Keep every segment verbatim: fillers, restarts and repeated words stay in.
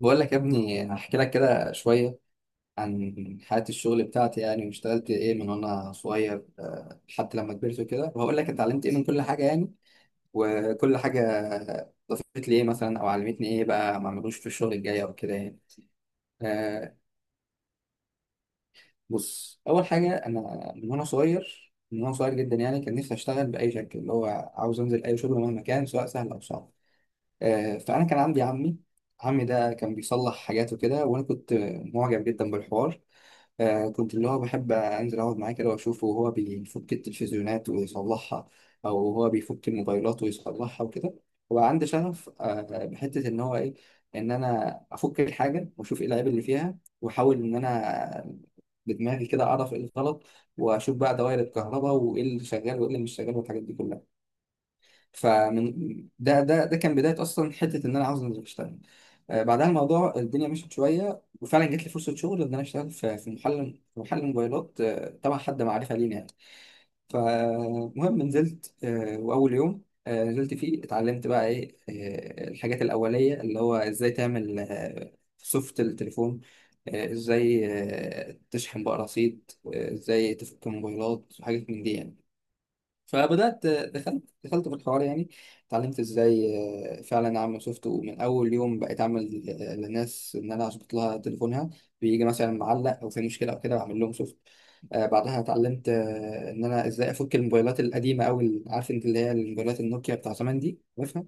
بقول لك يا ابني هحكي لك كده شوية عن حياة الشغل بتاعتي يعني، واشتغلت ايه من وانا صغير لحد لما كبرت وكده. وهقول لك اتعلمت ايه من كل حاجة يعني، وكل حاجة ضافت لي ايه مثلا او علمتني ايه بقى ما اعملوش في الشغل الجاي او كده يعني. آه بص، اول حاجة انا من وانا صغير من وانا صغير جدا يعني، كان نفسي اشتغل بأي شكل اللي هو عاوز انزل اي شغل مهما كان، سواء سهل او صعب. آه فانا كان عندي عمي. عمي ده كان بيصلح حاجات وكده، وانا كنت معجب جدا بالحوار. آه كنت اللي هو بحب انزل اقعد معاه كده واشوفه وهو بيفك التلفزيونات ويصلحها، او هو بيفك الموبايلات ويصلحها وكده. وبقى عندي شغف آه بحته ان هو ايه، ان انا افك الحاجه واشوف ايه العيب اللي فيها، واحاول ان انا بدماغي كده اعرف ايه الغلط، واشوف بقى دوائر الكهرباء وايه اللي شغال وايه اللي مش شغال والحاجات دي كلها. فمن ده ده ده كان بدايه اصلا حته ان انا عاوز انزل اشتغل. آه، بعدها الموضوع الدنيا مشيت شويه، وفعلا جت لي فرصه شغل ان انا اشتغل في في محل في محل موبايلات، آه، تبع حد معرفه لينا يعني. فمهم نزلت، آه، واول يوم آه، نزلت فيه اتعلمت بقى ايه آه، الحاجات الاوليه، اللي هو ازاي تعمل آه، سوفت التليفون، آه، ازاي آه، تشحن بقى رصيد، آه، ازاي تفك موبايلات وحاجات من دي يعني. فبدأت دخلت دخلت في الحوار يعني، اتعلمت ازاي آه، فعلا اعمل سوفت، ومن اول يوم بقيت اعمل آه، للناس ان انا اظبط لها تليفونها، بيجي مثلا معلق او في مشكله او كده، بعمل لهم سوفت. آه، بعدها اتعلمت آه، ان انا ازاي افك الموبايلات القديمه، او ال- عارف انت اللي هي الموبايلات النوكيا بتاع زمان دي، عارفها.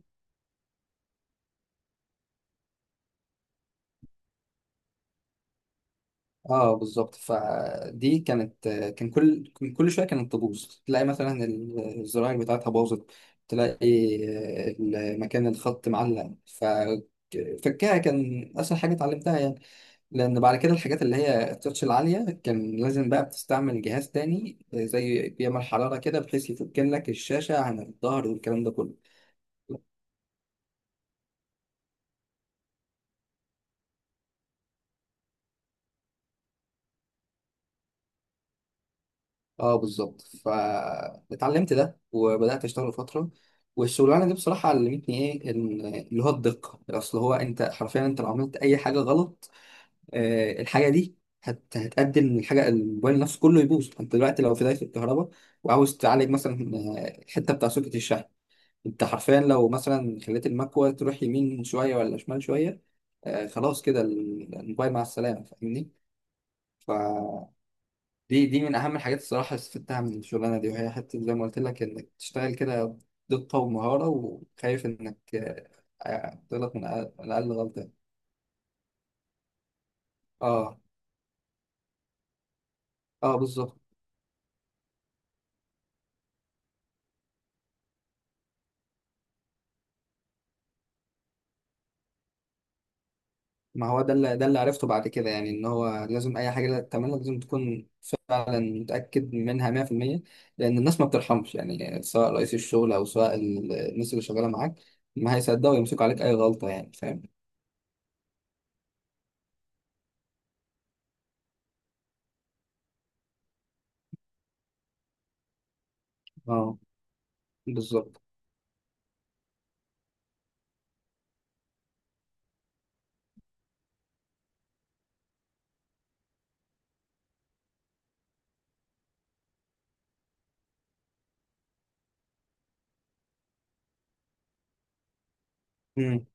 اه بالظبط، فدي كانت، كان كل كان كل شويه كانت تبوظ. تلاقي مثلا الزراير بتاعتها باظت، تلاقي مكان الخط معلق، ف فكها كان اسهل حاجه اتعلمتها يعني. لان بعد كده الحاجات اللي هي التاتش العاليه كان لازم بقى بتستعمل جهاز تاني زي بيعمل حراره كده، بحيث يفك لك الشاشه عن الظهر والكلام ده كله. اه بالظبط، فاتعلمت ده وبدات اشتغل فتره، والشغلانه دي بصراحه علمتني ايه إن- اللي هو الدقه. اصل هو انت حرفيا، انت لو عملت اي حاجه غلط آه الحاجه دي هت... هتأدي ان الحاجه الموبايل نفسه كله يبوظ. انت دلوقتي لو في دايره الكهرباء وعاوز تعالج مثلا آه، الحته بتاع سوكت الشحن، انت حرفيا لو مثلا خليت المكوه تروح يمين شويه ولا شمال شويه آه خلاص كده الموبايل مع السلامه، فاهمني؟ دي دي من اهم الحاجات الصراحه اللي استفدتها من الشغلانه دي، وهي حته زي ما قلت لك انك تشتغل كده، دقه ومهاره، وخايف انك آه، آه، تغلط من اقل من أقل غلطه. اه اه بالظبط. ما هو ده اللي ده اللي عرفته بعد كده يعني، ان هو لازم اي حاجه تعملها لازم تكون فعلا متاكد منها مية في المية. لان الناس ما بترحمش يعني، سواء رئيس الشغل او سواء ال- الناس اللي شغاله معاك، ما هيصدقوا يمسكوا عليك اي غلطه يعني، فاهم؟ اه بالظبط. إمم.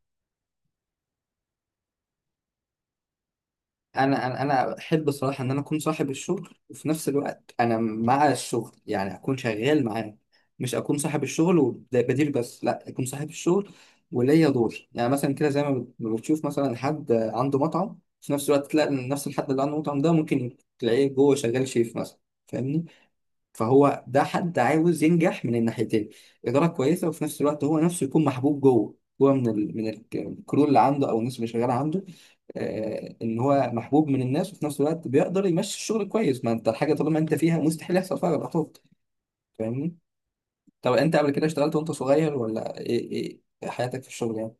انا انا انا احب الصراحه ان انا اكون صاحب الشغل، وفي نفس الوقت انا مع الشغل يعني، اكون شغال معاه. مش اكون صاحب الشغل وبدير بس، لا، اكون صاحب الشغل وليا دور يعني، مثلا كده زي ما بت- ما بتشوف مثلا حد عنده مطعم، في نفس الوقت تلاقي إن نفس الحد اللي عنده مطعم ده ممكن تلاقيه جوه شغال شيف مثلا، فاهمني؟ فهو ده حد عاوز ينجح من الناحيتين، إدارة كويسة، وفي نفس الوقت هو نفسه يكون محبوب جوه، هو من ال... من ال- الكرو اللي عنده، أو الناس اللي شغالة عنده. آه إن هو محبوب من الناس، وفي نفس الوقت بيقدر يمشي الشغل كويس. ما أنت الحاجة طالما أنت فيها مستحيل يحصل فيها غلطات، فاهمني؟ طب أنت قبل كده اشتغلت وأنت صغير ولا إيه؟ إيه حياتك في الشغل يعني؟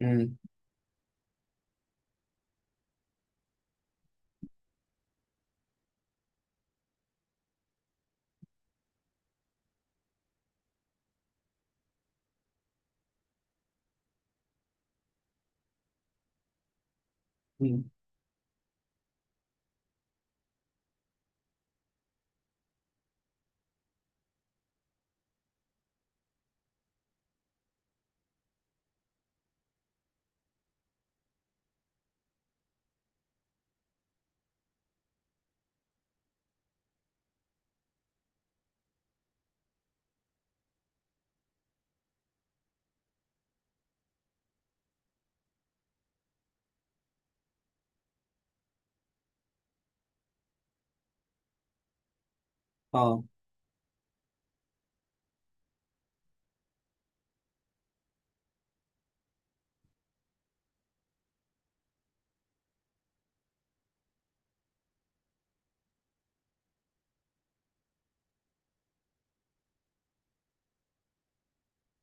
امم، امم، اه،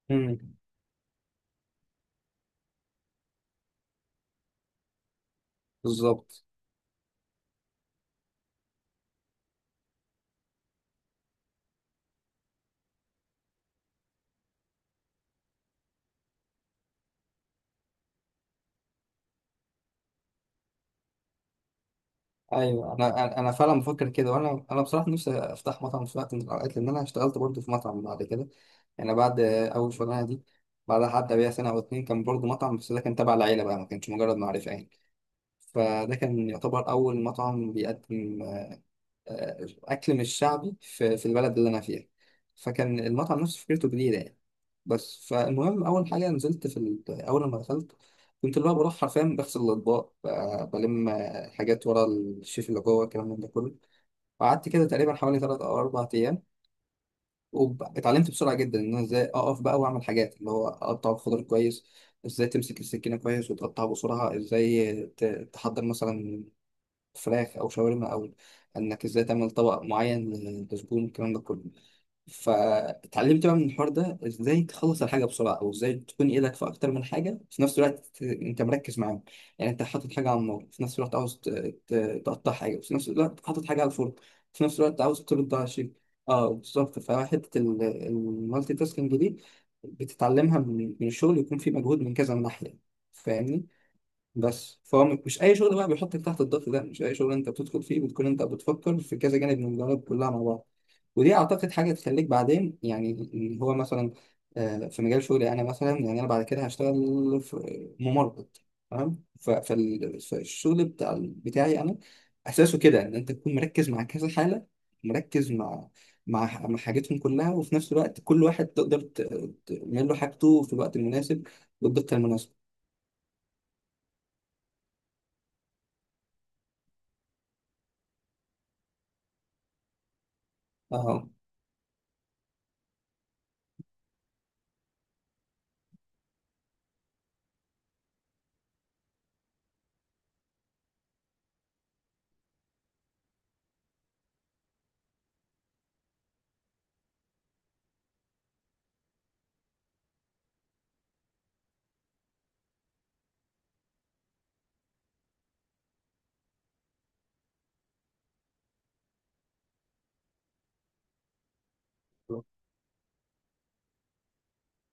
امم، بالظبط. ايوه، انا انا أنا فعلا بفكر كده، وانا انا بصراحه نفسي افتح مطعم في وقت من الاوقات، لان انا اشتغلت برضه في مطعم بعد كده يعني، بعد اول شغلانه دي. بعدها حتى بيها سنه او اتنين كان برضه مطعم، بس ده كان تبع العيله بقى، ما كانش مجرد معرفه يعني. فده كان يعتبر اول مطعم بيقدم آه، أكل مش شعبي في في البلد اللي أنا فيها، فكان المطعم نفسه فكرته جديدة يعني. بس فالمهم أول حاجة نزلت في ال- أول ما دخلت، كنت اللي هو بروح حرفيا بغسل الأطباق، ب- بلم آه، حاجات ورا الشيف اللي جوه، الكلام من ده كله. وقعدت كده تقريبا حوالي تلات أو أربع أيام، واتعلمت بسرعة جدا إن أنا إزاي أقف بقى وأعمل حاجات، اللي هو أقطع الخضار كويس، إزاي تمسك السكينة كويس وتقطعها بسرعة، إزاي ت- تحضر مثلا فراخ او شاورما، او انك ازاي تعمل طبق معين من الدسبون، الكلام ده كله. فاتعلمت بقى من الحوار ده ازاي تخلص الحاجه بسرعه، او ازاي تكون ايدك في اكتر من حاجه في نفس الوقت، ت- انت مركز معاهم يعني. انت حاطط حاجه على النار، في نفس الوقت عاوز ت- ت- تقطع حاجه، وفي نفس الوقت حاطط حاجه على الفرن، في نفس الوقت عاوز ترد على شيء. اه بالظبط، فحته ال- المالتي تاسكينج دي بتتعلمها من من الشغل، يكون في مجهود من كذا ناحيه، فاهمني؟ بس فهو مش اي شغل بقى بيحطك تحت الضغط ده، مش اي شغل انت بتدخل فيه بتكون انت بتفكر في كذا جانب من الجوانب كلها مع بعض. ودي اعتقد حاجه تخليك بعدين يعني، اللي هو مثلا آه، في مجال شغلي انا مثلا يعني، انا بعد كده هشتغل في ممرض، تمام. ف- فال- فالشغل بتاع بتاعي انا اساسه كده، ان انت تكون مركز مع كذا حاله، مركز مع مع مع حاجتهم كلها، وفي نفس الوقت كل واحد تقدر ت- تعمل له حاجته في الوقت المناسب، والدقه المناسبه. اه،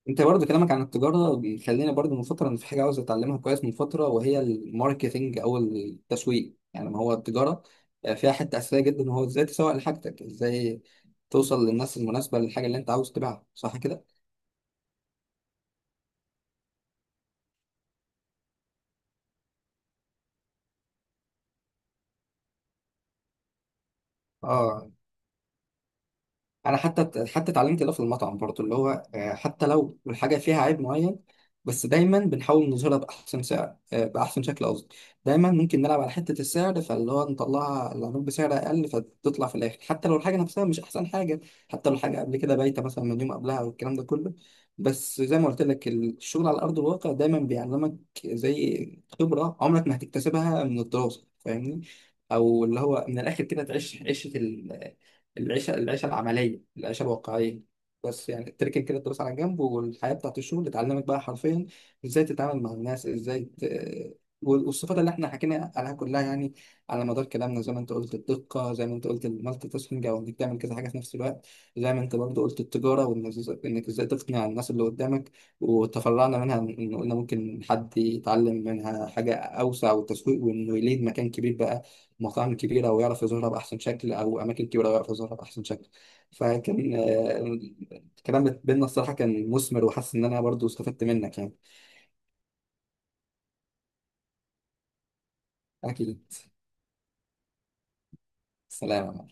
انت برضو كلامك عن التجارة بيخليني برضو من فترة ان في حاجة عاوز اتعلمها كويس من فترة، وهي الماركتينج او التسويق يعني. ما هو التجارة آه، فيها حتة اساسية جدا، وهو ازاي تسوق لحاجتك، ازاي توصل للناس المناسبة للحاجة اللي انت عاوز تبيعها، صح كده؟ اه، انا حتى حتى اتعلمت ده في المطعم برضه، اللي هو آه، حتى لو الحاجه فيها عيب معين، بس دايما بنحاول نظهرها باحسن سعر، آه، باحسن شكل قصدي. دايما ممكن نلعب على حته السعر، فاللي هو نطلعها العروض بسعر اقل، فتطلع في الاخر حتى لو الحاجه نفسها مش احسن حاجه، حتى لو الحاجه قبل كده بايته مثلا من يوم قبلها والكلام ده كله. بس زي ما قلت لك، الشغل على ارض الواقع دايما بيعلمك، زي خبره عمرك ما هتكتسبها من الدراسه، فاهمني؟ او اللي هو من الاخر كده تعيش عيشه، العيشه العيشه العمليه، العيشه الواقعيه. بس يعني تركن كده الدراسه على جنب، والحياه بتاعت الشغل تعلمك بقى حرفيا ازاي تتعامل مع الناس، ازاي ت... وال- والصفات اللي احنا حكينا عليها كلها يعني، على مدار كلامنا، زي ما انت قلت الدقه، زي ما انت قلت المالتي تاسكينج او انك تعمل كذا حاجه في نفس الوقت، زي ما انت برضه قلت التجاره، وانك إز- إنك ازاي تقنع الناس اللي قدامك. وتفرعنا منها ان قلنا ممكن حد يتعلم منها حاجه اوسع، والتسويق، وانه يليد مكان كبير بقى، مطاعم كبيرة ويعرف يظهرها بأحسن شكل، أو أماكن كبيرة ويعرف يظهرها بأحسن شكل. فكان آه، الكلام بيننا الصراحة كان مثمر، وحاسس إن أنا برضو استفدت منك يعني. أكيد. سلام.